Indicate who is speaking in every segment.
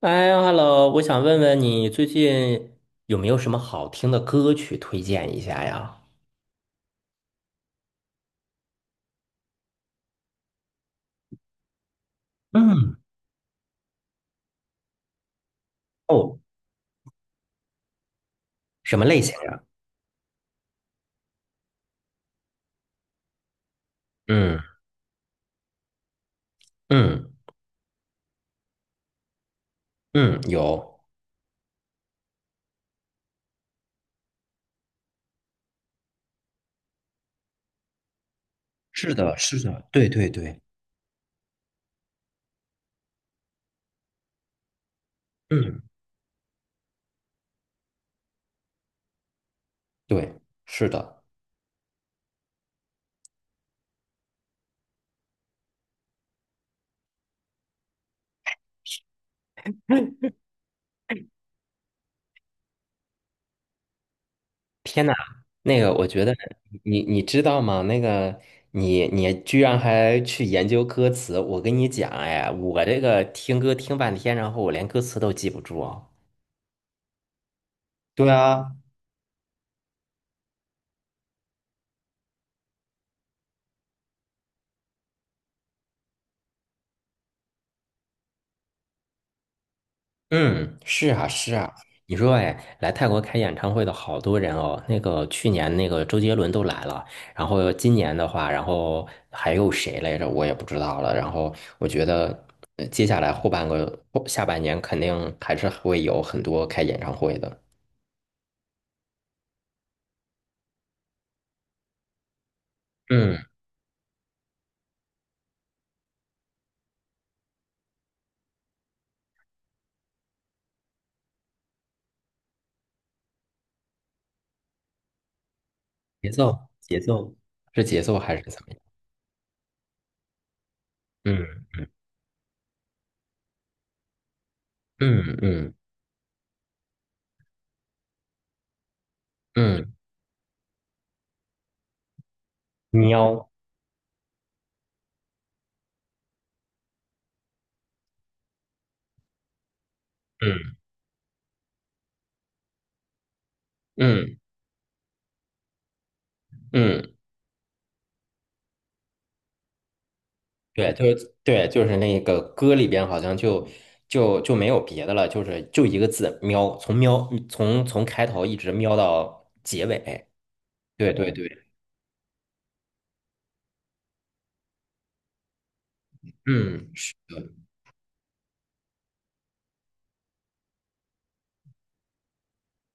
Speaker 1: 哎，Hello，我想问问你最近有没有什么好听的歌曲推荐一下呀？嗯。哦，什么类型呀？嗯嗯嗯，有，是的，是的，对对对，嗯，对，是的。天呐，那个我觉得你你知道吗？那个你居然还去研究歌词，我跟你讲，哎，我这个听歌听半天，然后我连歌词都记不住啊。对啊。嗯，是啊，是啊。你说，哎，来泰国开演唱会的好多人哦。那个去年那个周杰伦都来了，然后今年的话，然后还有谁来着？我也不知道了。然后我觉得，接下来后半个后下半年肯定还是会有很多开演唱会的。嗯，节奏，节奏是节奏还是怎么样？嗯嗯嗯嗯，喵，嗯嗯嗯。对，就是对，就是那个歌里边好像就没有别的了，就是就一个字喵，从开头一直喵到结尾。对对对，嗯，是的，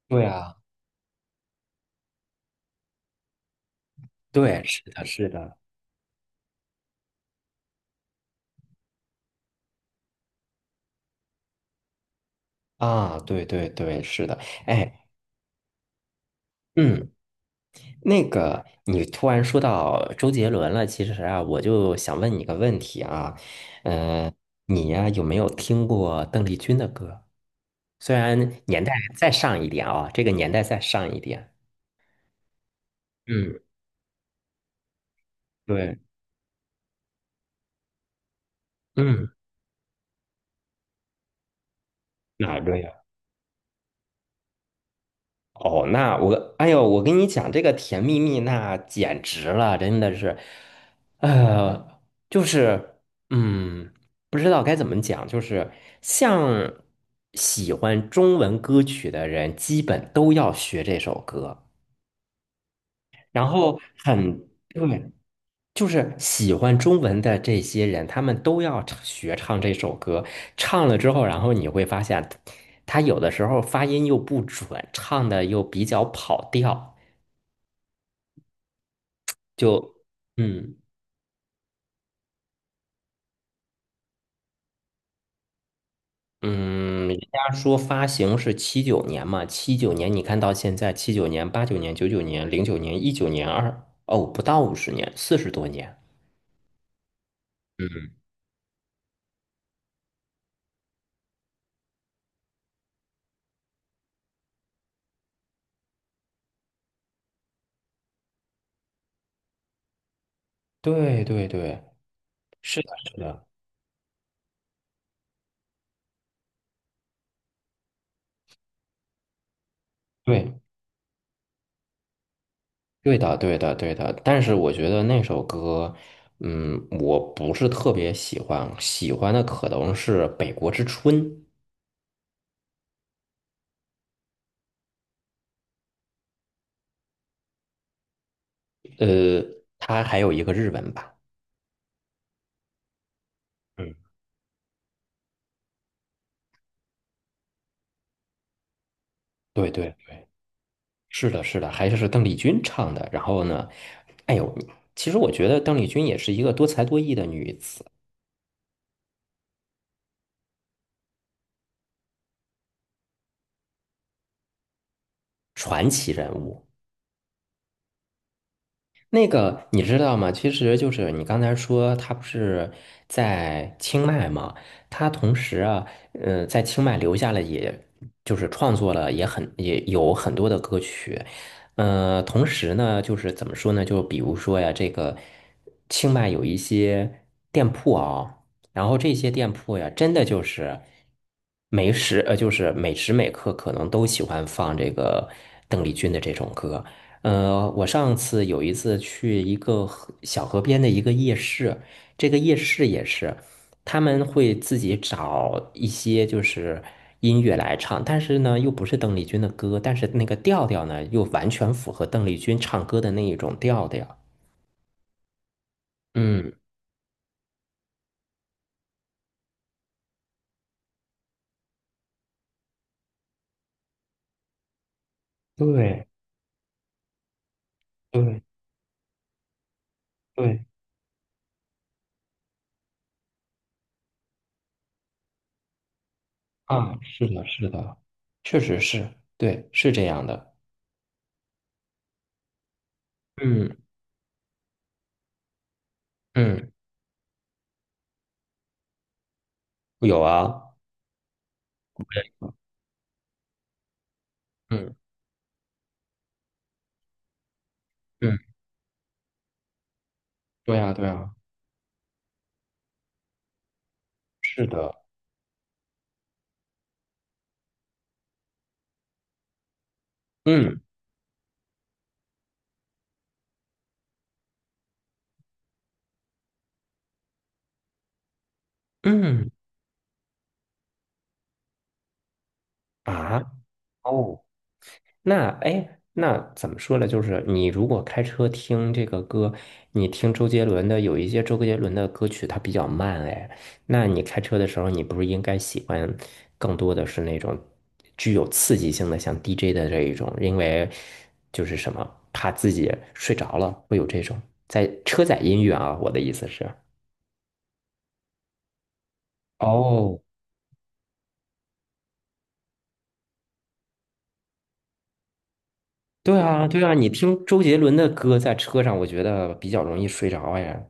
Speaker 1: 对啊，对，是的，是的，啊，对对对，是的，哎，嗯。那个，你突然说到周杰伦了，其实啊，我就想问你个问题啊，呃，你呀、有没有听过邓丽君的歌？虽然年代再上一点啊，这个年代再上一点。嗯，对，嗯，哪个呀？哦，那我，哎呦，我跟你讲，这个甜蜜蜜那简直了，真的是，呃，就是，嗯，不知道该怎么讲，就是像喜欢中文歌曲的人，基本都要学这首歌。然后很对，就是喜欢中文的这些人，他们都要唱学唱这首歌。唱了之后，然后你会发现，他有的时候发音又不准，唱的又比较跑调。就嗯嗯，人家说发行是七九年嘛，七九年你看到现在，七九年、八九年、九九年、零九年、一九年、二哦，不到五十年，四十多年。嗯，对对对，是的，是的，对。对的，对的，对的。但是我觉得那首歌，嗯，我不是特别喜欢，喜欢的可能是《北国之春》。呃，它还有一个日文版。嗯，对对对，是的，是的，还是邓丽君唱的。然后呢，哎呦，其实我觉得邓丽君也是一个多才多艺的女子，传奇人物。那个你知道吗？其实就是你刚才说他不是在清迈嘛，他同时啊，在清迈留下了也，就是创作了也很也有很多的歌曲，同时呢，就是怎么说呢？就比如说呀，这个清迈有一些店铺啊，然后这些店铺呀，真的就是就是每时每刻可能都喜欢放这个邓丽君的这种歌。我上次有一次去一个河小河边的一个夜市，这个夜市也是，他们会自己找一些就是音乐来唱，但是呢又不是邓丽君的歌，但是那个调调呢又完全符合邓丽君唱歌的那一种调调。嗯，对对对，啊，是的，是的，确实是，对，是这样的。嗯嗯，有啊，嗯嗯，对呀，对呀，是的，嗯嗯。啊，哦，那哎，那怎么说呢？就是你如果开车听这个歌，你听周杰伦的，有一些周杰伦的歌曲它比较慢，哎，那你开车的时候，你不是应该喜欢更多的是那种具有刺激性的，像 DJ 的这一种，因为就是什么，怕自己睡着了，会有这种在车载音乐啊，我的意思是。哦，对啊，对啊，你听周杰伦的歌在车上，我觉得比较容易睡着哎。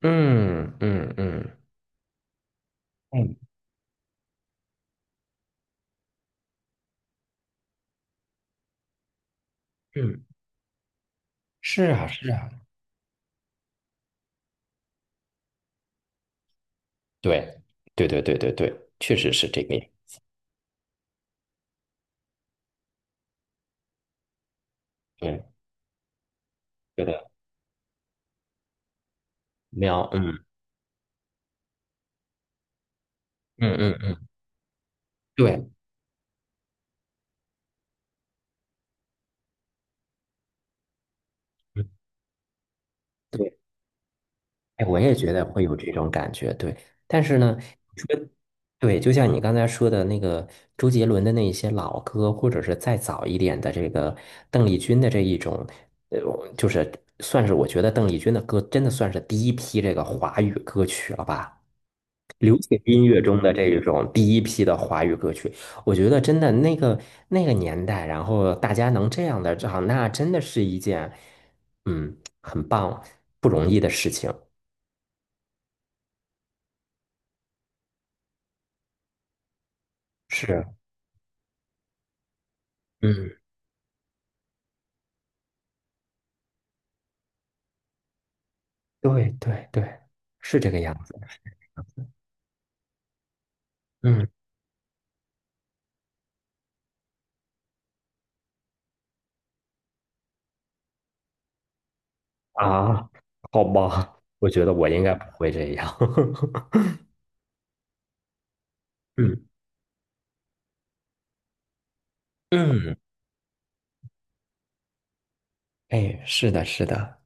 Speaker 1: 嗯嗯嗯嗯，嗯，是啊是啊，对对对对对对，确实是这个样，对，觉得喵，嗯嗯嗯嗯，对嗯对，哎，我也觉得会有这种感觉，对，但是呢，你说对，就像你刚才说的那个周杰伦的那一些老歌，或者是再早一点的这个邓丽君的这一种，呃，就是算是我觉得邓丽君的歌真的算是第一批这个华语歌曲了吧。流行音乐中的这种第一批的华语歌曲，我觉得真的那个那个年代，然后大家能这样的唱，那真的是一件嗯很棒不容易的事情。是，嗯，对对对，是这个样子。嗯啊，好吧，我觉得我应该不会这样。嗯嗯，哎，是的，是的。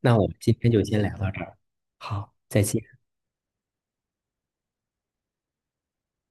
Speaker 1: 那我们今天就先聊到这儿，好，再见。